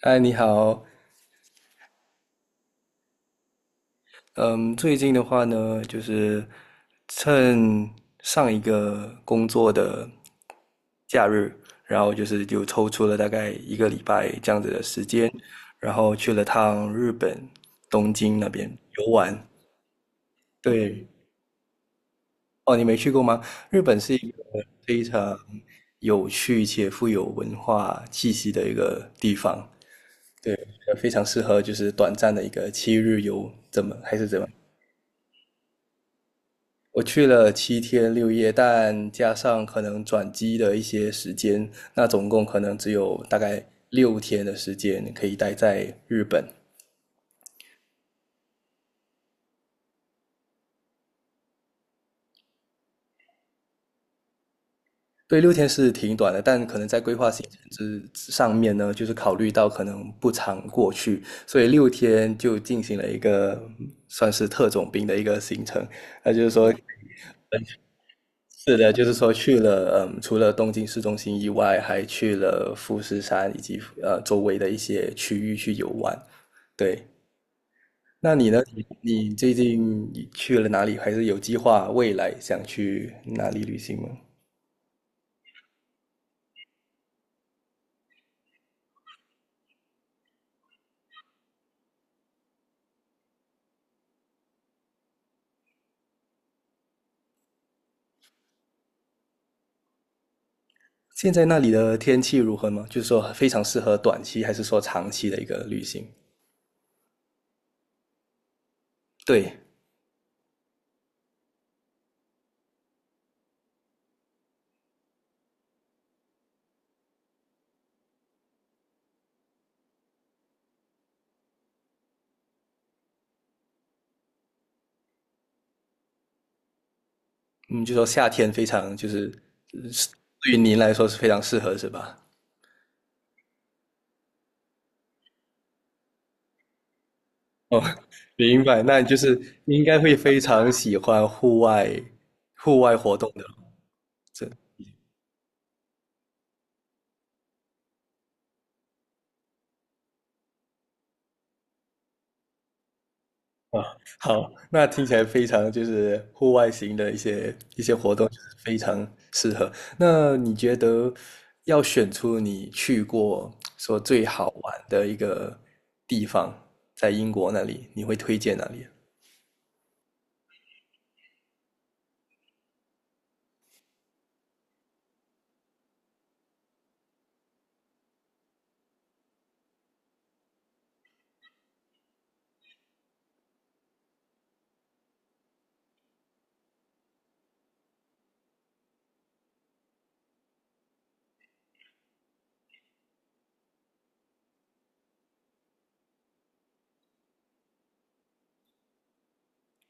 嗨，你好。嗯，最近的话呢，就是趁上一个工作的假日，然后就是抽出了大概一个礼拜这样子的时间，然后去了趟日本东京那边游玩。对。哦，你没去过吗？日本是一个非常有趣且富有文化气息的一个地方。对，非常适合就是短暂的一个7日游，怎么还是怎么。我去了7天6夜，但加上可能转机的一些时间，那总共可能只有大概六天的时间可以待在日本。对，六天是挺短的，但可能在规划行程之上面呢，就是考虑到可能不常过去，所以六天就进行了一个算是特种兵的一个行程。那就是说，是的，就是说去了，除了东京市中心以外，还去了富士山以及周围的一些区域去游玩。对，那你呢？你最近去了哪里？还是有计划未来想去哪里旅行吗？现在那里的天气如何吗？就是说非常适合短期，还是说长期的一个旅行？对，嗯，就说夏天非常就是，是对于您来说是非常适合，是吧？哦，明白，那你就是你应该会非常喜欢户外活动的，这啊 好，那听起来非常就是户外型的一些一些活动，就是非常适合。那你觉得要选出你去过说最好玩的一个地方，在英国那里，你会推荐哪里啊？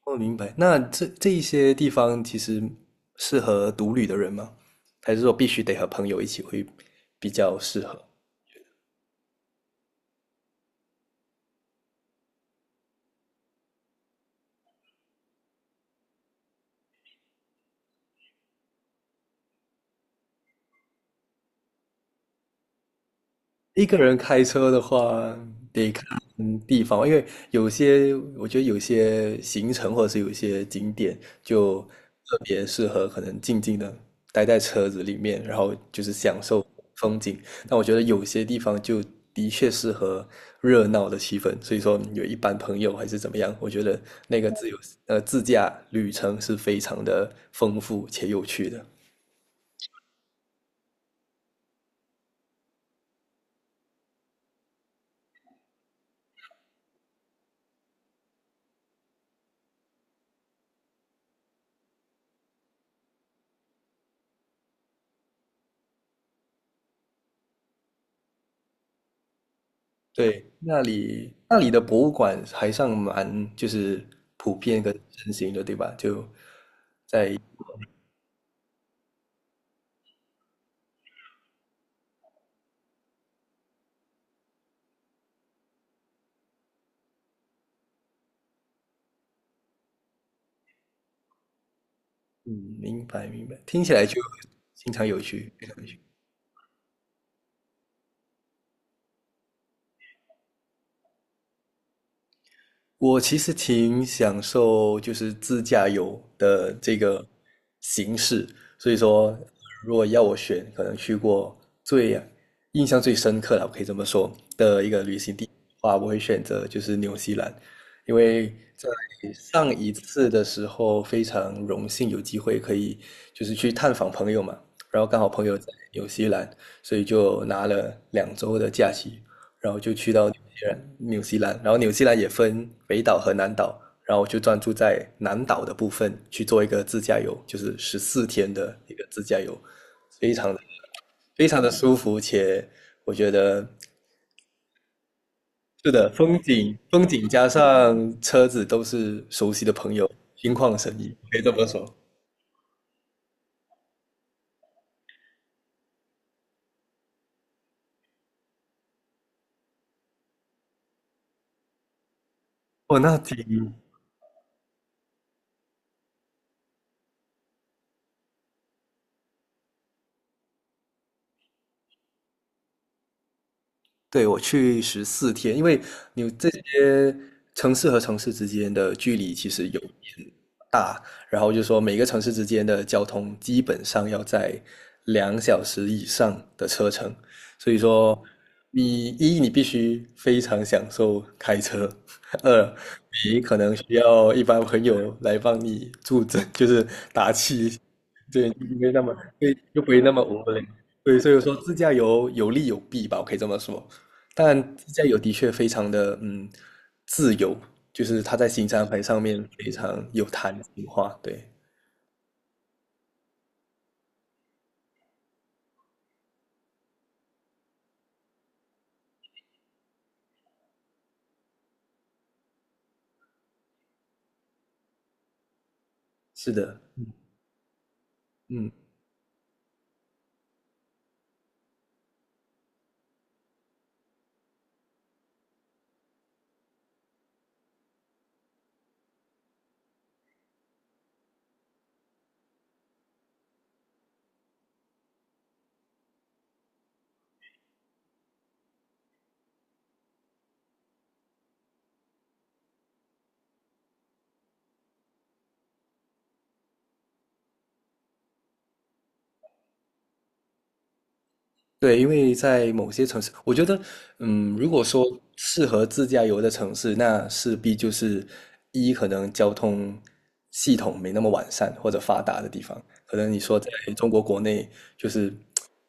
我明白。那这一些地方其实适合独旅的人吗？还是说必须得和朋友一起会比较适合？一个人开车的话，得看地方，因为有些我觉得有些行程或者是有些景点就特别适合可能静静的待在车子里面，然后就是享受风景。但我觉得有些地方就的确适合热闹的气氛，所以说有一班朋友还是怎么样，我觉得那个自驾旅程是非常的丰富且有趣的。对，那里的博物馆还算蛮就是普遍跟盛行的，对吧？在嗯，明白明白，听起来就非常有趣，非常有趣。我其实挺享受就是自驾游的这个形式，所以说如果要我选，可能去过最印象最深刻了，我可以这么说的一个旅行地的话，我会选择就是纽西兰，因为在上一次的时候非常荣幸有机会可以就是去探访朋友嘛，然后刚好朋友在纽西兰，所以就拿了2周的假期，纽西兰，然后纽西兰也分北岛和南岛，然后我就专注在南岛的部分去做一个自驾游，就是十四天的一个自驾游，非常的非常的舒服，且我觉得是的，风景加上车子都是熟悉的朋友，心旷神怡，可以这么说。哦，那挺，对，我去十四天，因为你这些城市和城市之间的距离其实有大，然后就说每个城市之间的交通基本上要在2小时以上的车程，所以说你必须非常享受开车，二你可能需要一般朋友来帮你助阵，就是打气对，就不会那么对，就不会那么无聊。对，所以我说自驾游有利有弊吧，我可以这么说。但自驾游的确非常的自由，就是它在行程安排上面非常有弹性化。对，是的，嗯。对，因为在某些城市，我觉得，如果说适合自驾游的城市，那势必就是可能交通系统没那么完善或者发达的地方。可能你说在中国国内，就是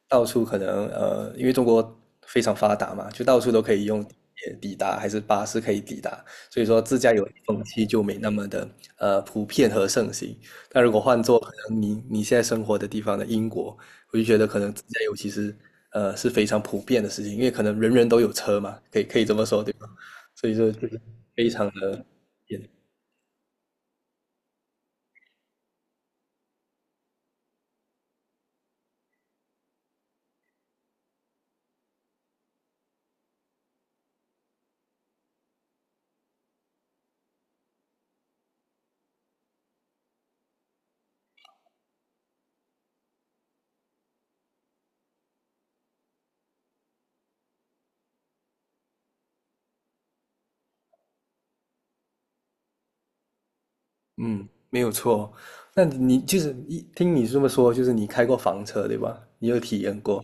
到处可能，因为中国非常发达嘛，就到处都可以用地铁抵达，还是巴士可以抵达，所以说自驾游的风气就没那么的普遍和盛行。但如果换做可能你现在生活的地方的英国，我就觉得可能自驾游其实是非常普遍的事情，因为可能人人都有车嘛，可以这么说对吧？所以说就是非常的普遍。嗯，没有错。那你就是一听你这么说，就是你开过房车对吧？你有体验过，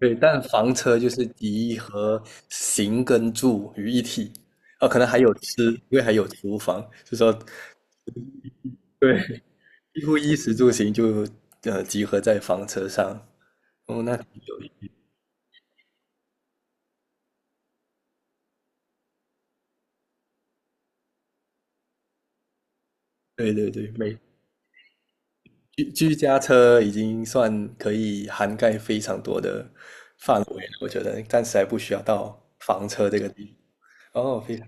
对。但房车就是集合行跟住于一体，啊，可能还有吃，因为还有厨房，就说对，几乎衣食住行就集合在房车上。哦，那挺有意思。对对对，没居家车已经算可以涵盖非常多的范围了，我觉得暂时还不需要到房车这个地。哦，非常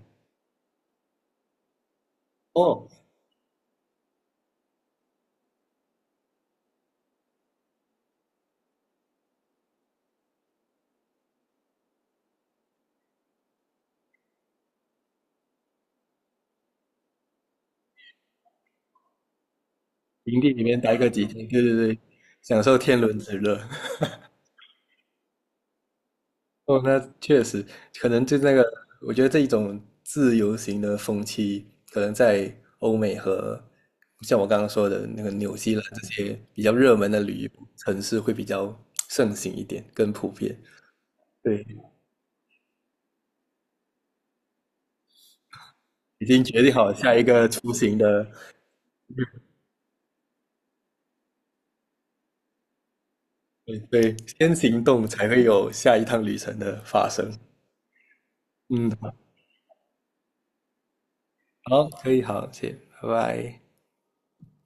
哦，营地里面待个几天，对对对，享受天伦之乐。哦，那确实，可能就那个，我觉得这一种自由行的风气，可能在欧美和像我刚刚说的那个纽西兰这些比较热门的旅游城市会比较盛行一点，更普遍。对，已经决定好下一个出行的，对对，先行动才会有下一趟旅程的发生。嗯，好，可以，好，谢谢，拜拜。